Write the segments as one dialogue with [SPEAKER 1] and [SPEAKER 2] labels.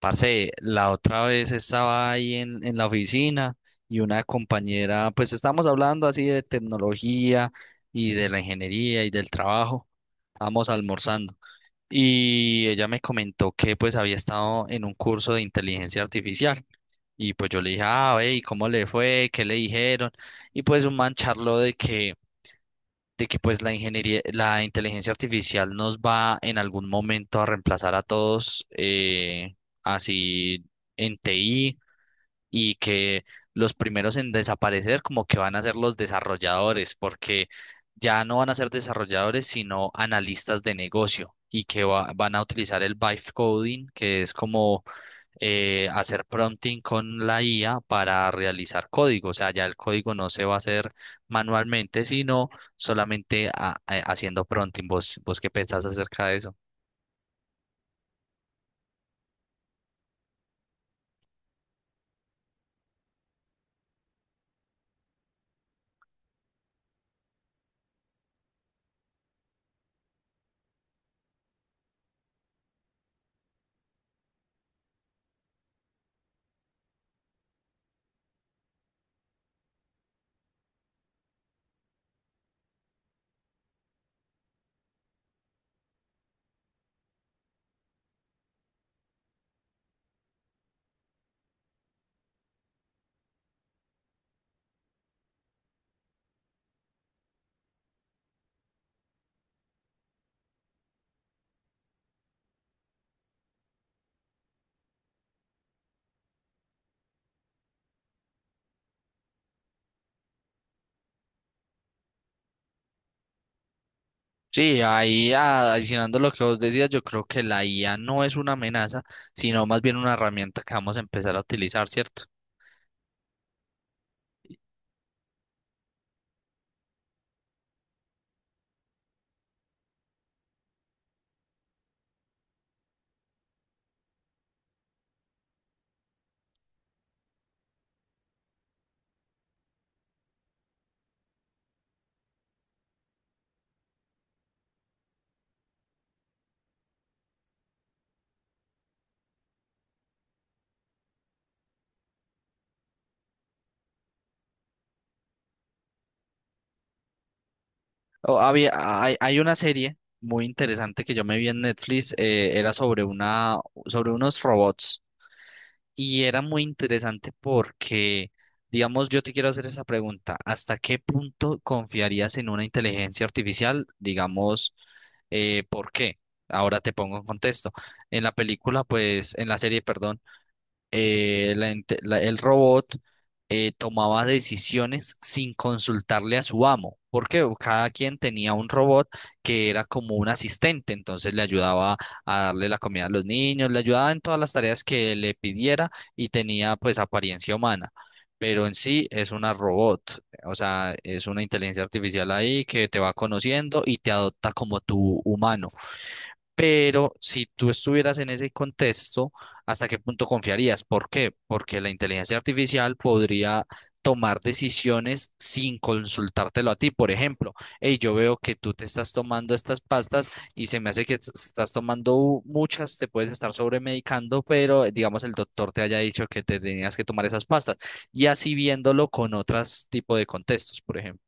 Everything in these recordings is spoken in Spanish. [SPEAKER 1] Parce, la otra vez estaba ahí en la oficina y una compañera, pues estábamos hablando así de tecnología y de la ingeniería y del trabajo, estábamos almorzando y ella me comentó que pues había estado en un curso de inteligencia artificial. Y pues yo le dije, ah, ve, ¿y cómo le fue? ¿Qué le dijeron? Y pues un man charló de que pues la ingeniería, la inteligencia artificial nos va en algún momento a reemplazar a todos, así en TI, y que los primeros en desaparecer como que van a ser los desarrolladores, porque ya no van a ser desarrolladores, sino analistas de negocio, y que van a utilizar el vibe coding, que es como hacer prompting con la IA para realizar código. O sea, ya el código no se va a hacer manualmente, sino solamente haciendo prompting. ¿Vos, vos qué pensás acerca de eso? Sí, ahí adicionando lo que vos decías, yo creo que la IA no es una amenaza, sino más bien una herramienta que vamos a empezar a utilizar, ¿cierto? O había, hay una serie muy interesante que yo me vi en Netflix, era sobre una, sobre unos robots. Y era muy interesante porque, digamos, yo te quiero hacer esa pregunta, ¿hasta qué punto confiarías en una inteligencia artificial? Digamos, ¿por qué? Ahora te pongo en contexto. En la película, pues, en la serie, perdón, el robot tomaba decisiones sin consultarle a su amo, porque cada quien tenía un robot que era como un asistente, entonces le ayudaba a darle la comida a los niños, le ayudaba en todas las tareas que le pidiera y tenía pues apariencia humana. Pero en sí es una robot, o sea, es una inteligencia artificial ahí que te va conociendo y te adopta como tu humano. Pero si tú estuvieras en ese contexto, ¿hasta qué punto confiarías? ¿Por qué? Porque la inteligencia artificial podría tomar decisiones sin consultártelo a ti. Por ejemplo, hey, yo veo que tú te estás tomando estas pastas y se me hace que estás tomando muchas, te puedes estar sobremedicando, pero digamos el doctor te haya dicho que te tenías que tomar esas pastas. Y así viéndolo con otros tipos de contextos, por ejemplo.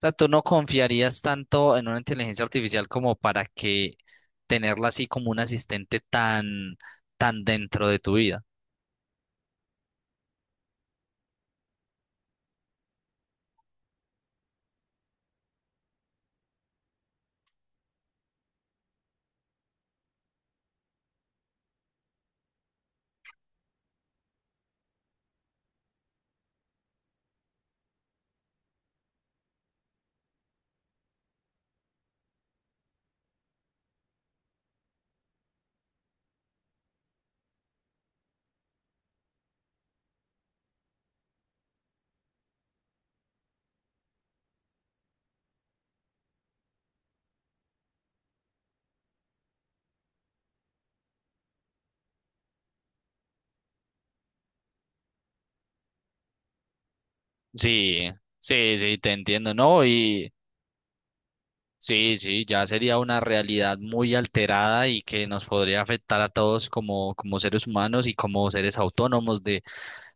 [SPEAKER 1] Sea, tú no confiarías tanto en una inteligencia artificial como para que tenerla así como un asistente tan, tan dentro de tu vida. Sí, sí, sí, te entiendo, ¿no? Y sí, sí, ya sería una realidad muy alterada y que nos podría afectar a todos como, como seres humanos y como seres autónomos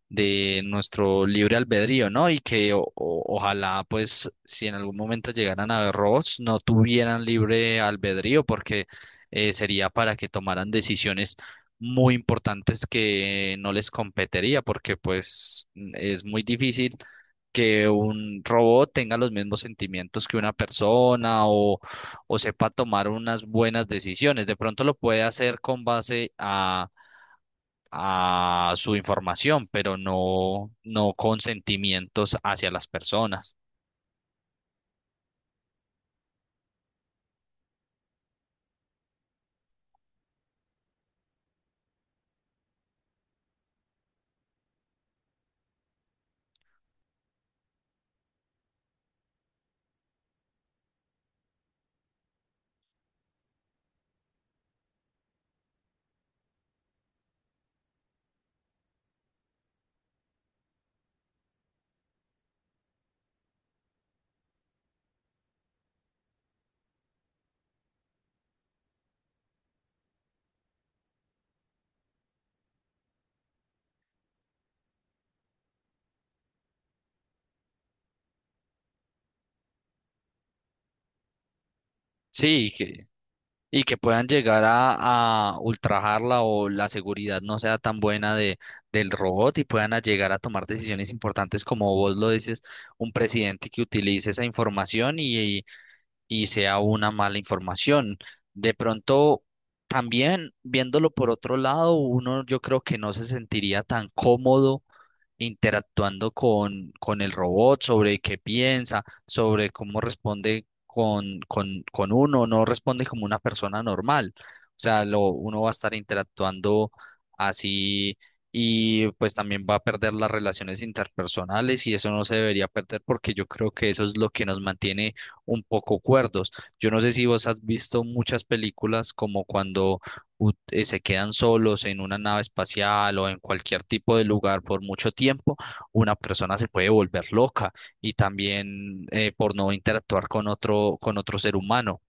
[SPEAKER 1] de nuestro libre albedrío, ¿no? Y que ojalá, pues, si en algún momento llegaran a ver robots, no tuvieran libre albedrío, porque sería para que tomaran decisiones muy importantes que no les competería, porque pues es muy difícil que un robot tenga los mismos sentimientos que una persona o sepa tomar unas buenas decisiones. De pronto lo puede hacer con base a su información, pero no, no con sentimientos hacia las personas. Sí, y que puedan llegar a ultrajarla o la seguridad no sea tan buena de, del robot y puedan a llegar a tomar decisiones importantes, como vos lo dices, un presidente que utilice esa información y sea una mala información. De pronto, también viéndolo por otro lado, uno yo creo que no se sentiría tan cómodo interactuando con el robot, sobre qué piensa, sobre cómo responde con uno, no responde como una persona normal. O sea, lo, uno va a estar interactuando así y pues también va a perder las relaciones interpersonales y eso no se debería perder porque yo creo que eso es lo que nos mantiene un poco cuerdos. Yo no sé si vos has visto muchas películas como cuando se quedan solos en una nave espacial o en cualquier tipo de lugar por mucho tiempo, una persona se puede volver loca y también por no interactuar con otro ser humano.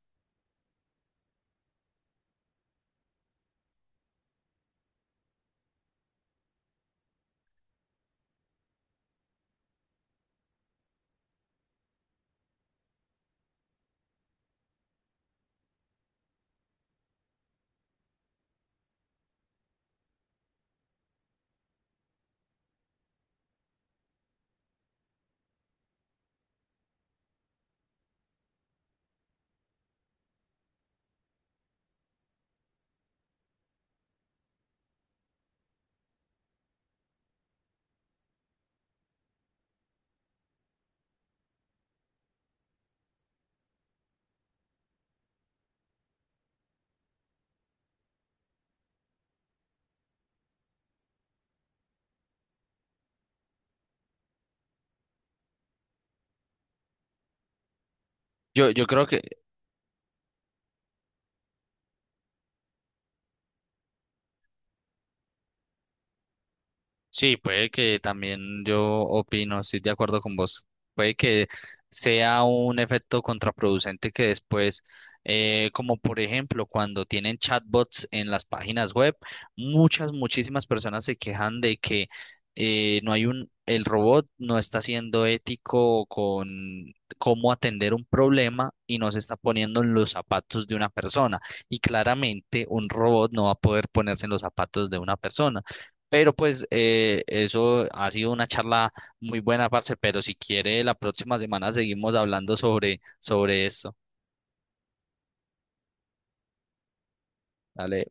[SPEAKER 1] Yo creo que sí, puede que también yo opino, estoy de acuerdo con vos. Puede que sea un efecto contraproducente que después, como por ejemplo, cuando tienen chatbots en las páginas web, muchas, muchísimas personas se quejan de que no hay un, el robot no está siendo ético con cómo atender un problema y no se está poniendo en los zapatos de una persona. Y claramente un robot no va a poder ponerse en los zapatos de una persona. Pero pues eso ha sido una charla muy buena, parce, pero si quiere la próxima semana seguimos hablando sobre, sobre esto. Dale.